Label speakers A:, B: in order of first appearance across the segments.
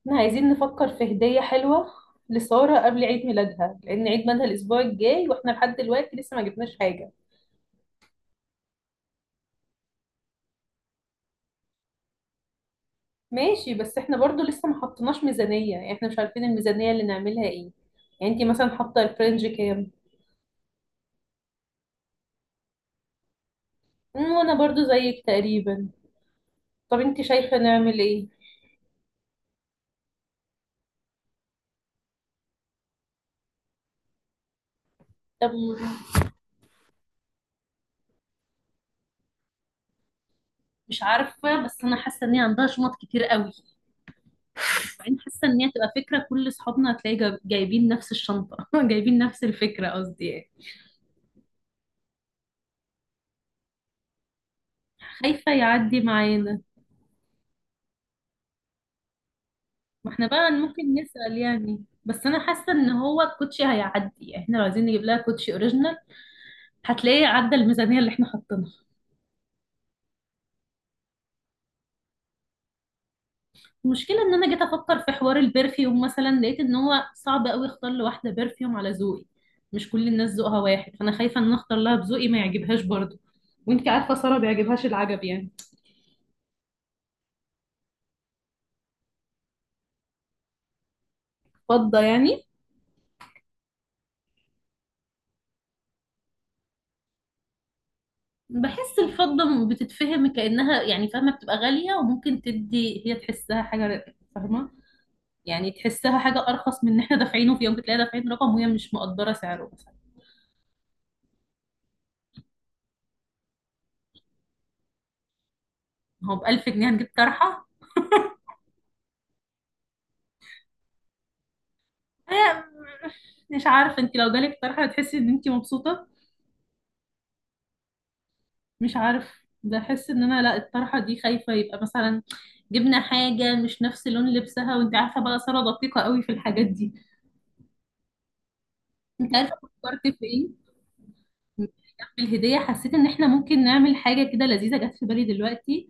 A: احنا عايزين نفكر في هدية حلوة لسارة قبل عيد ميلادها لأن عيد ميلادها الأسبوع الجاي وإحنا لحد دلوقتي لسه ما جبناش حاجة. ماشي، بس إحنا برضو لسه ما حطيناش ميزانية، يعني إحنا مش عارفين الميزانية اللي نعملها إيه. يعني أنتي مثلا حاطة الفرنج كام؟ وأنا برضو زيك تقريبا. طب أنتي شايفة نعمل إيه؟ طب مش عارفة، بس أنا حاسة إن هي عندها شنط كتير قوي. وبعدين حاسة إن هي تبقى فكرة كل أصحابنا هتلاقي جايبين نفس الشنطة جايبين نفس الفكرة قصدي يعني. خايفة يعدي معانا. ما احنا بقى ممكن نسأل يعني، بس انا حاسة ان هو الكوتشي هيعدي، يعني احنا لو عايزين نجيب لها كوتشي اوريجينال هتلاقيه عدى الميزانية اللي احنا حاطينها. المشكلة ان انا جيت افكر في حوار البرفيوم مثلا لقيت ان هو صعب قوي اختار لواحدة برفيوم على ذوقي. مش كل الناس ذوقها واحد، فانا خايفة ان اختار لها بذوقي ما يعجبهاش برضه. وانت عارفة سارة بيعجبهاش العجب يعني. فضة يعني؟ بحس الفضة بتتفهم كأنها يعني فاهمة، بتبقى غالية وممكن تدي هي تحسها حاجة فاهمة. يعني تحسها حاجة أرخص من إن إحنا دافعينه، في يوم بتلاقي دافعين رقم وهي مش مقدرة سعره مثلا. هو ب1000 جنيه هنجيب طرحة؟ آه، مش عارفة، أنت لو جالك طرحة هتحسي إن أنت مبسوطة؟ مش عارف، بحس إن أنا لا، الطرحة دي خايفة يبقى مثلا جبنا حاجة مش نفس لون لبسها، وأنت عارفة بقى سارة دقيقة قوي في الحاجات دي. أنت عارفة فكرت في إيه؟ الهدية، حسيت ان احنا ممكن نعمل حاجة كده لذيذة، جت في بالي دلوقتي.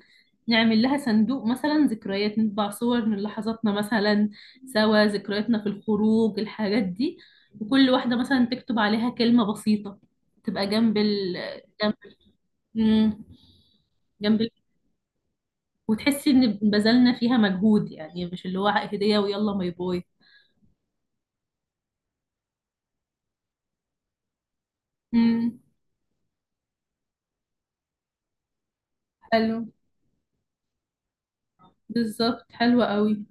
A: نعمل لها صندوق مثلا ذكريات، نطبع صور من لحظاتنا مثلا سوا، ذكرياتنا في الخروج الحاجات دي. وكل واحدة مثلا تكتب عليها كلمة بسيطة، تبقى جنب ال. جنب. مم. جنب ال. وتحسي ان بذلنا فيها مجهود، يعني مش اللي هو هدية ويلا باي باي. مم. حلو. بالظبط، حلوة قوي.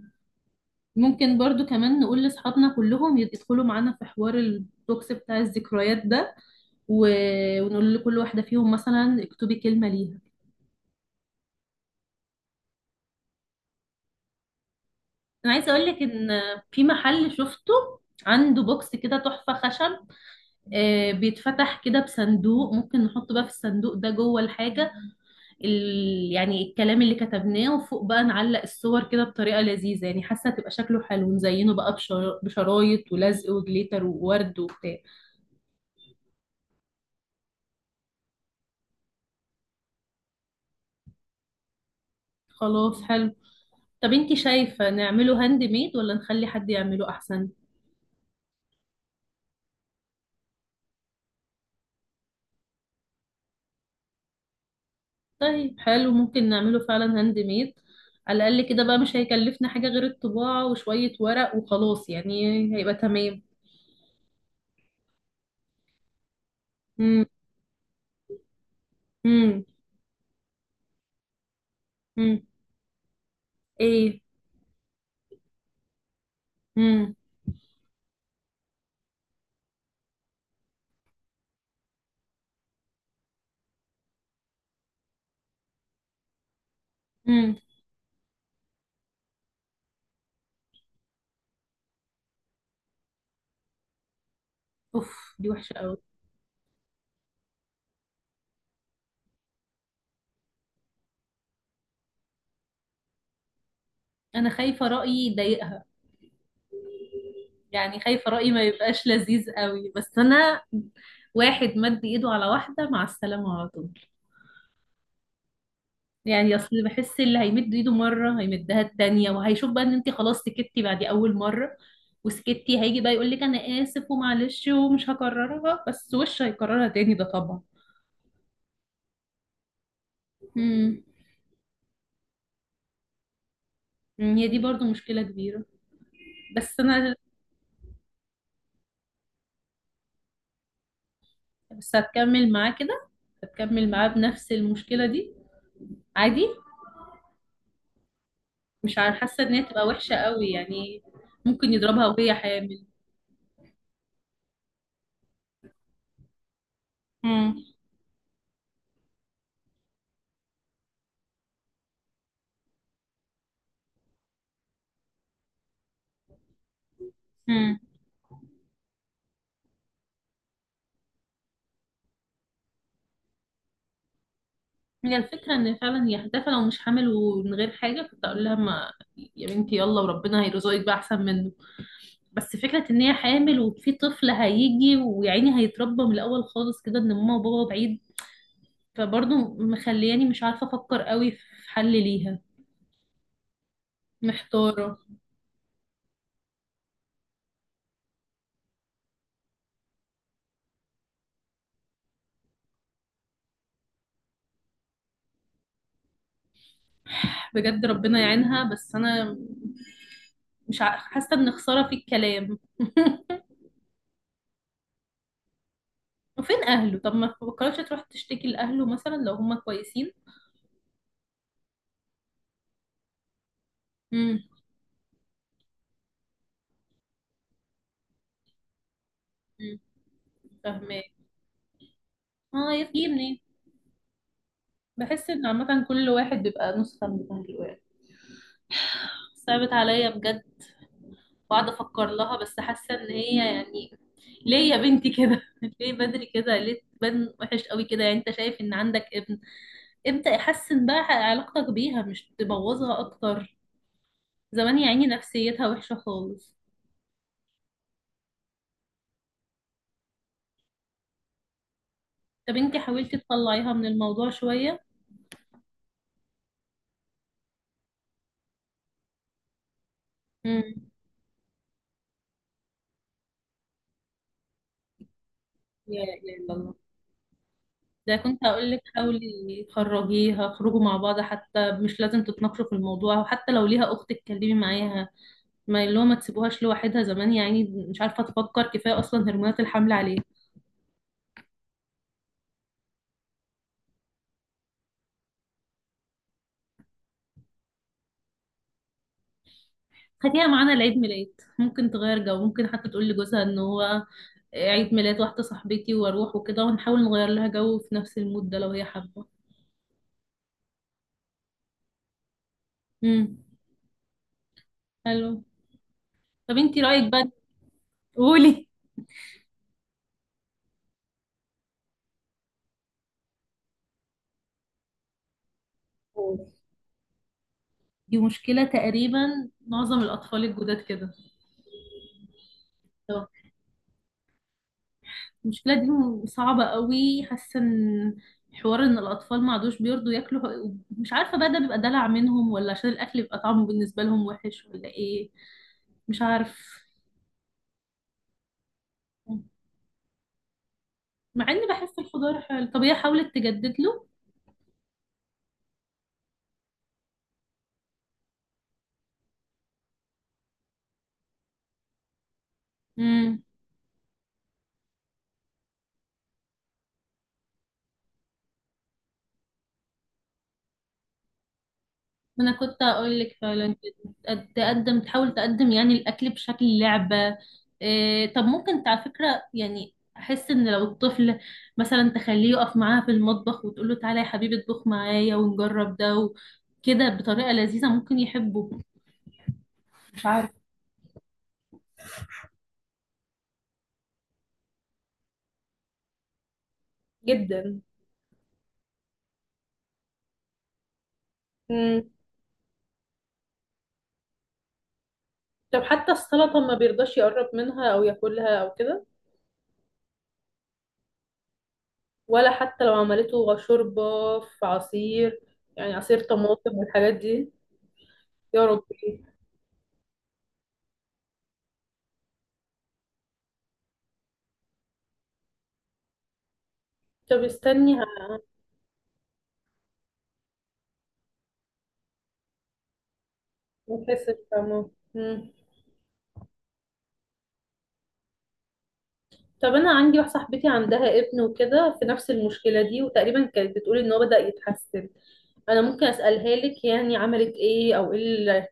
A: ممكن برضو كمان نقول لأصحابنا كلهم يدخلوا معانا في حوار البوكس بتاع الذكريات ده و... ونقول لكل واحدة فيهم مثلا اكتبي كلمة ليها. أنا عايزة أقول لك إن في محل شفته عنده بوكس كده تحفة خشب. بيتفتح كده بصندوق، ممكن نحط بقى في الصندوق ده جوه الحاجة يعني الكلام اللي كتبناه، وفوق بقى نعلق الصور كده بطريقة لذيذة، يعني حاسة تبقى شكله حلو، نزينه بقى بشرايط ولزق وجليتر وورد وبتاع. خلاص حلو. طب انتي شايفة نعمله هاند ميد ولا نخلي حد يعمله احسن؟ طيب حلو، ممكن نعمله فعلا هاند ميد، على الاقل كده بقى مش هيكلفنا حاجة غير الطباعة وشوية ورق وخلاص يعني. هيبقى تمام. امم. امم. امم. ايه؟ امم. امم. اوف، دي وحشة قوي. انا خايفة رأيي يضايقها، يعني خايفة رأيي ما يبقاش لذيذ قوي، بس انا واحد مد ايده على واحدة مع السلامة على طول. يعني اصل بحس اللي هيمد ايده مره هيمدها التانية، وهيشوف بقى ان انت خلاص سكتي بعد اول مره، وسكتي هيجي بقى يقول لك انا اسف ومعلش ومش هكررها، بس وش هيكررها تاني ده طبعا. امم. هي دي برضو مشكلة كبيرة. بس انا، بس هتكمل معاه كده، هتكمل معاه بنفس المشكلة دي؟ عادي. مش عارفة- حاسة ان هي تبقى وحشة قوي يعني. ممكن يضربها وهي حامل. امم. هي الفكرة ان فعلا هي هتافهة لو مش حامل، ومن غير حاجة كنت اقول لها ما، يا بنتي يلا وربنا هيرزقك بقى احسن منه. بس فكرة ان هي حامل وفي طفل هيجي، ويعني هيتربى من الاول خالص كده، ان ماما وبابا بعيد. فبرضه مخلياني مش عارفة افكر قوي في حل ليها. محتارة. بجد ربنا يعينها، بس انا مش ع- حاسة ان خسارة في الكلام وفين اهله؟ طب ما فكرتش تروح تشتكي لاهله مثلا لو هما كويسين؟ امم. فاهمة. اه، يا في منين. بحس ان عامة كل واحد بيبقى نسخة من الواحد. صعبت عليا بجد. بقعد افكر لها، بس حاسة ان هي يعني ليه يا بنتي كده ليه بدري كده، ليه تبان وحش قوي كده، يعني انت شايف ان عندك ابن ابدأ احسن بقى علاقتك بيها مش تبوظها اكتر. زمان يا عيني نفسيتها وحشة خالص. طب انت حاولتي تطلعيها من الموضوع شوية؟ امم. يا إله إلا الله. ده كنت هقول لك حاولي تخرجيها، اخرجوا مع بعض، حتى مش لازم تتناقشوا في الموضوع، وحتى لو ليها اخت اتكلمي معاها. ما اللي هو ما تسيبوهاش لوحدها زمان يعني. مش عارفه تفكر كفايه، اصلا هرمونات الحمل عليها. خديها معانا لعيد ميلاد، ممكن تغير جو، ممكن حتى تقول لجوزها ان هو عيد ميلاد واحده صاحبتي واروح وكده، ونحاول نغير لها جو في نفس المود ده لو هي حابه. امم. حلو. طب انتي رايك بقى؟ قولي. دي مشكله تقريبا معظم الاطفال الجداد كده. المشكلة دي صعبة قوي، حاسة ان حوار ان الاطفال ما عادوش بيرضوا ياكلوا، مش عارفة بقى ده بيبقى دلع منهم ولا عشان الاكل بيبقى طعمه بالنسبة لهم وحش، ولا ايه؟ مش عارف. مع اني بحس الخضار حلو، طب هي حاولت تجدد له؟ ما انا كنت اقول لك فعلا كده. تقدم، تحاول تقدم يعني الاكل بشكل لعبه. إيه، طب ممكن على فكره يعني، احس ان لو الطفل مثلا تخليه يقف معاها في المطبخ، وتقول له تعالى يا حبيبي اطبخ معايا، ونجرب ده وكده بطريقه لذيذه ممكن يحبه. مش عارف. جدا. مم. طب حتى السلطة ما بيرضاش يقرب منها أو ياكلها أو كده؟ ولا حتى لو عملته شوربة؟ في عصير؟ يعني عصير طماطم والحاجات دي. يا ربي. طب استني، ما تحسش فاهمة. مم. طب أنا عندي واحدة صاحبتي عندها ابن وكده في نفس المشكلة دي، وتقريبا كانت بتقول إن هو بدأ يتحسن. أنا ممكن أسألها لك، يعني عملت إيه أو إيه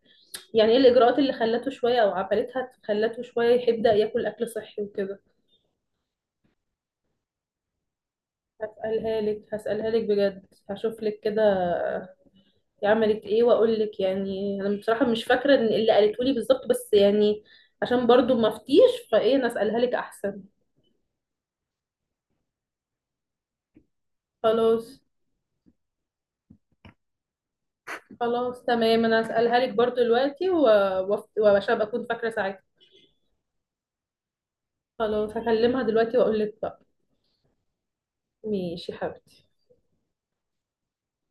A: يعني إيه الإجراءات اللي خلته شوية أو عملتها خلته شوية يبدأ ياكل أكل صحي وكده. هسألها لك بجد، هشوف لك كده هي عملت إيه وأقول لك. يعني أنا بصراحة مش فاكرة إن اللي قالته لي بالظبط، بس يعني عشان برضو ما أفتيش، فإيه أنا أسألها لك أحسن. خلاص. خلاص تمام، انا هسألها لك برضو دلوقتي وعشان ابقى اكون فاكرة ساعتها. خلاص هكلمها دلوقتي واقول لك بقى. ماشي يا حبيبتي.